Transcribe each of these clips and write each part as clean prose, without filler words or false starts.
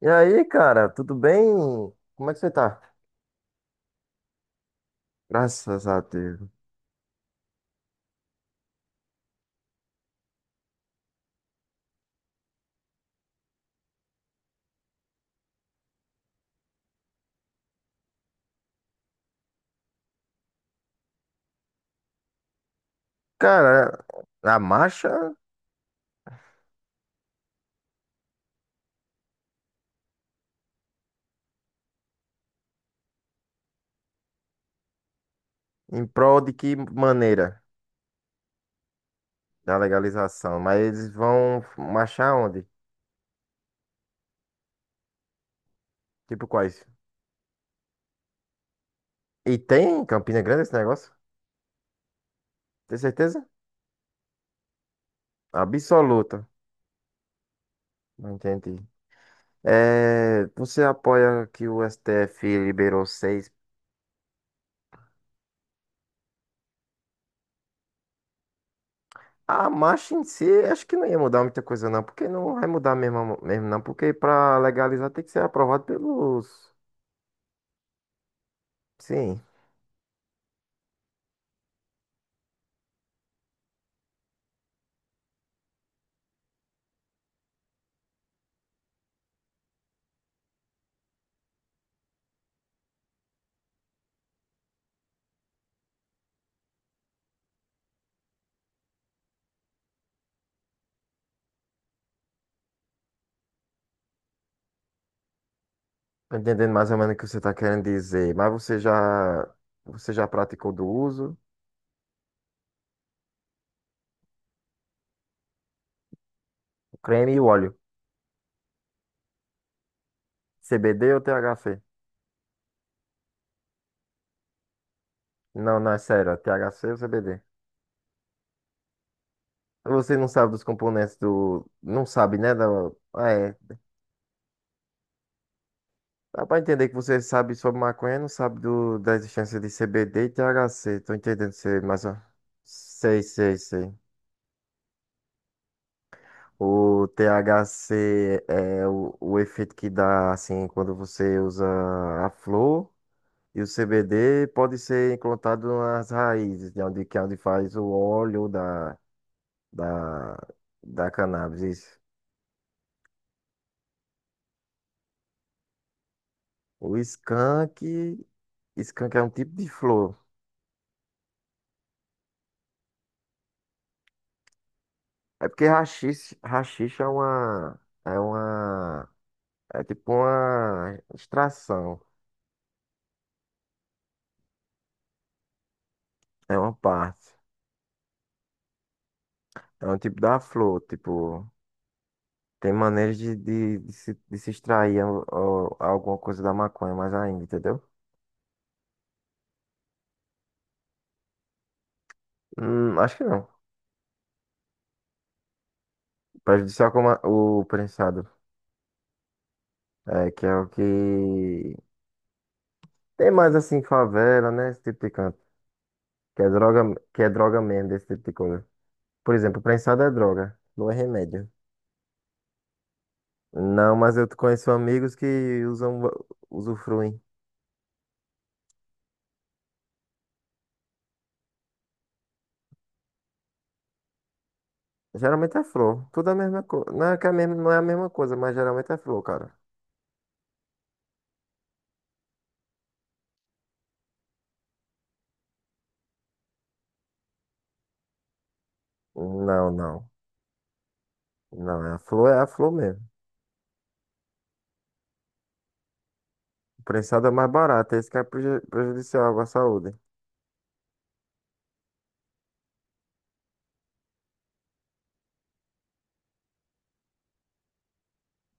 E aí, cara, tudo bem? Como é que você tá? Graças a Deus. Cara, a marcha em prol de que maneira? Da legalização. Mas eles vão marchar onde? Tipo quais? E tem em Campina Grande esse negócio? Tem certeza? Absoluta. Não entendi. É, você apoia que o STF liberou seis? A marcha em si, acho que não ia mudar muita coisa não, porque não vai mudar mesmo, mesmo não, porque para legalizar tem que ser aprovado pelos... Sim. Entendendo mais ou menos o que você está querendo dizer, mas você já praticou do uso, o creme e o óleo, CBD ou THC? Não, não, é sério, é THC ou CBD? Você não sabe dos componentes do, não sabe, né, ah, é, dá pra entender que você sabe sobre maconha, não sabe do, da existência de CBD e THC, tô entendendo você, mas, ó, sei. O THC é o efeito que dá, assim, quando você usa a flor. E o CBD pode ser encontrado nas raízes, de onde, que é onde faz o óleo da, da cannabis. Isso. O skunk, skunk é um tipo de flor. É porque haxixe, é uma, é tipo uma extração, é uma parte. É um tipo da flor, tipo, tem maneiras de se extrair alguma coisa da maconha mais ainda, entendeu? Acho que não. Prejudicial como o prensado. É, que é o que tem mais assim, em favela, né? Esse tipo de canto. Que é droga, que é droga mesmo, desse tipo de coisa. Por exemplo, prensado é droga, não é remédio. Não, mas eu conheço amigos que usam, usufruem. Geralmente é flor, tudo é a mesma coisa. Não é que é a mesma, não é a mesma coisa, mas geralmente é flor, cara. Não, não. Não, é a flor mesmo. O prensado é mais barato, esse que é prejudicial à saúde.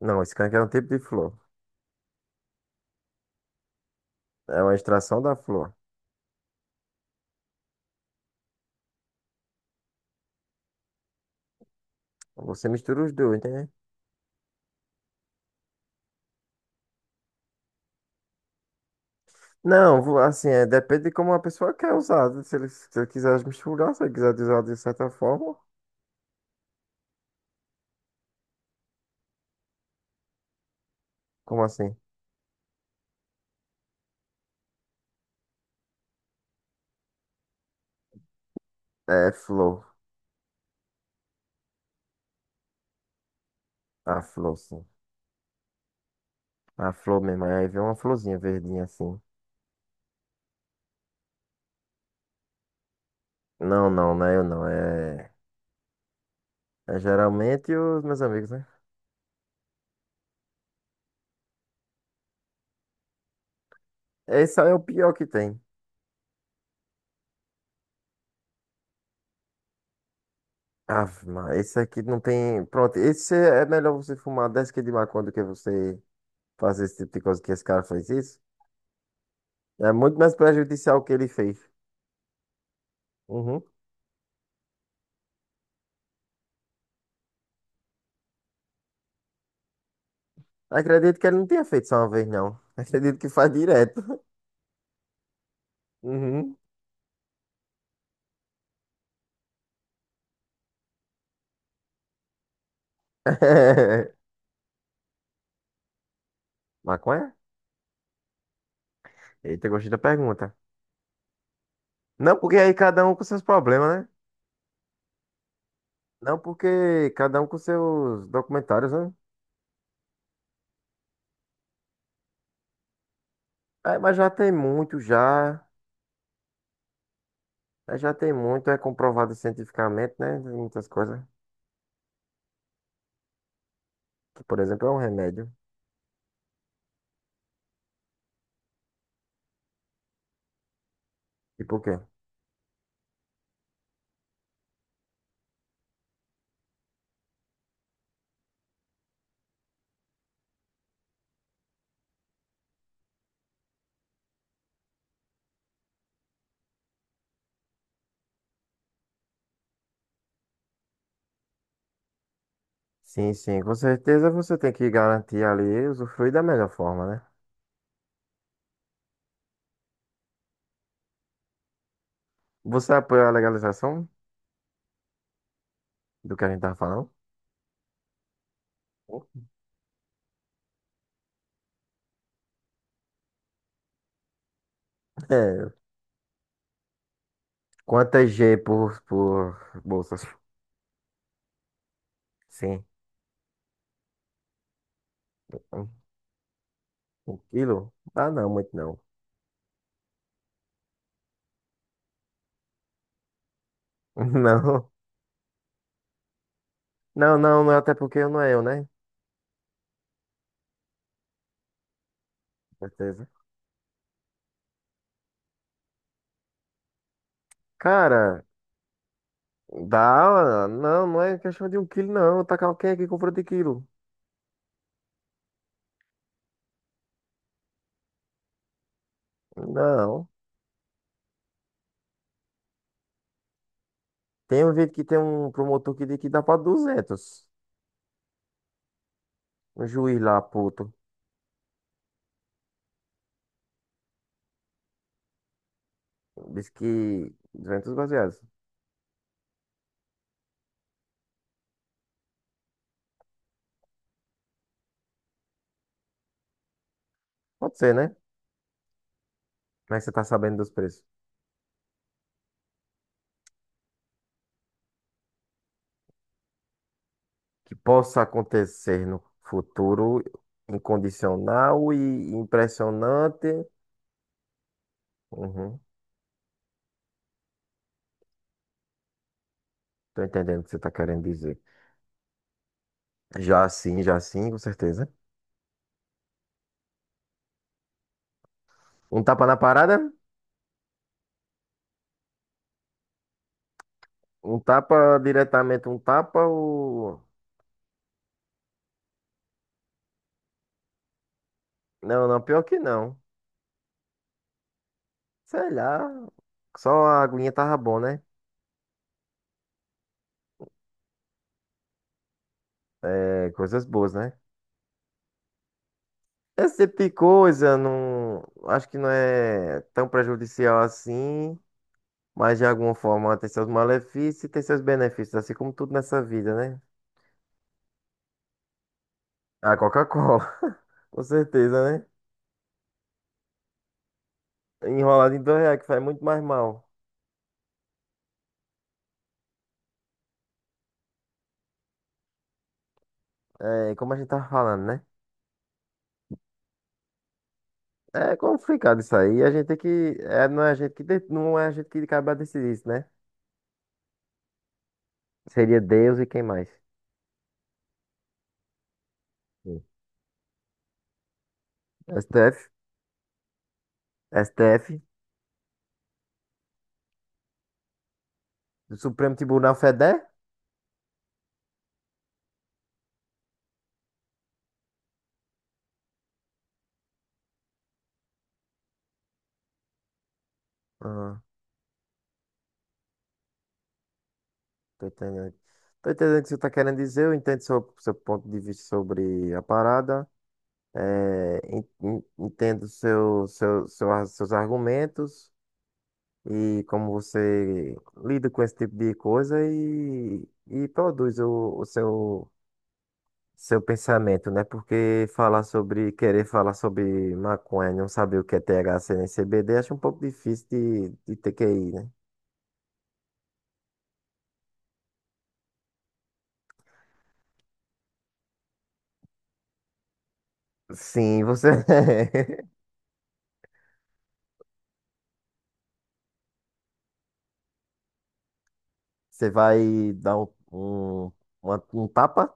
Não, esse canque é um tipo de flor. É uma extração da flor. Você mistura os dois, entendeu? Não, vo- Assim, é, depende de como a pessoa quer usar, né? Se ele quiser misturar, se ele quiser usar de certa forma. Como assim? É flor. A flor, sim. A flor mesmo. Aí vem uma florzinha verdinha assim. Não é eu não. É, é geralmente os meus amigos, né? Esse aí é o pior que tem. Ah, mas esse aqui não tem. Pronto, esse é melhor você fumar 10 quilos de maconha do que você fazer esse tipo de coisa que esse cara fez isso. É muito mais prejudicial o que ele fez. Uhum. Acredito que ele não tinha feito só uma vez, não. Acredito que faz direto. Uhum. Maconha? Eita, gostei da pergunta. Não, porque aí cada um com seus problemas, né? Não, porque cada um com seus documentários, né? É, mas já tem muito, já. É, já tem muito, é comprovado cientificamente, né? Tem muitas coisas. Que, por exemplo, é um remédio. E por quê? Sim, sim, com certeza você tem que garantir ali usufruir da melhor forma, né? Você apoia a legalização do que a gente tá falando? É. Quantas G por bolsas? Sim. Um quilo? Ah, não, muito não. Não. Não, até porque não é eu, né? Com certeza. Cara, dá. Não, não é questão de um quilo, não. Tá, quem é que comprou de quilo? Não. Tem um vídeo que tem um promotor que diz que dá pra 200. Um juiz lá, puto. Diz que 200 baseados. Pode ser, né? Como é que você tá sabendo dos preços? Que possa acontecer no futuro incondicional e impressionante. Uhum. Tô entendendo o que você tá querendo dizer. Já sim, com certeza. Um tapa na parada? Um tapa diretamente, um tapa ou... Não, não, pior que não. Sei lá, só a aguinha tava bom, né? É, coisas boas, né? Esse tipo de coisa não... Acho que não é tão prejudicial assim. Mas de alguma forma ela tem seus malefícios e tem seus benefícios, assim como tudo nessa vida, né? A Coca-Cola, com certeza, né? Enrolado em dois reais, que faz muito mais mal. É, como a gente tava falando, né? É complicado isso aí. A gente tem que. É, não é a gente que, não é a gente que acaba decidir isso, né? Seria Deus e quem mais? Sim. STF? STF? O Supremo Tribunal Federal? Ah, tô entendendo. Tô entendendo o que você tá querendo dizer. Eu entendo seu, seu ponto de vista sobre a parada. É, entendo seus argumentos e como você lida com esse tipo de coisa e produz o seu, seu pensamento, né? Porque falar sobre, querer falar sobre maconha e não saber o que é THC nem CBD, acho um pouco difícil de ter que ir, né? Sim, você, você vai dar um tapa?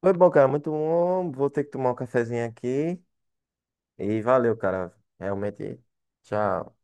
Foi bom, cara, muito bom. Vou ter que tomar um cafezinho aqui. E valeu, cara. Realmente, tchau.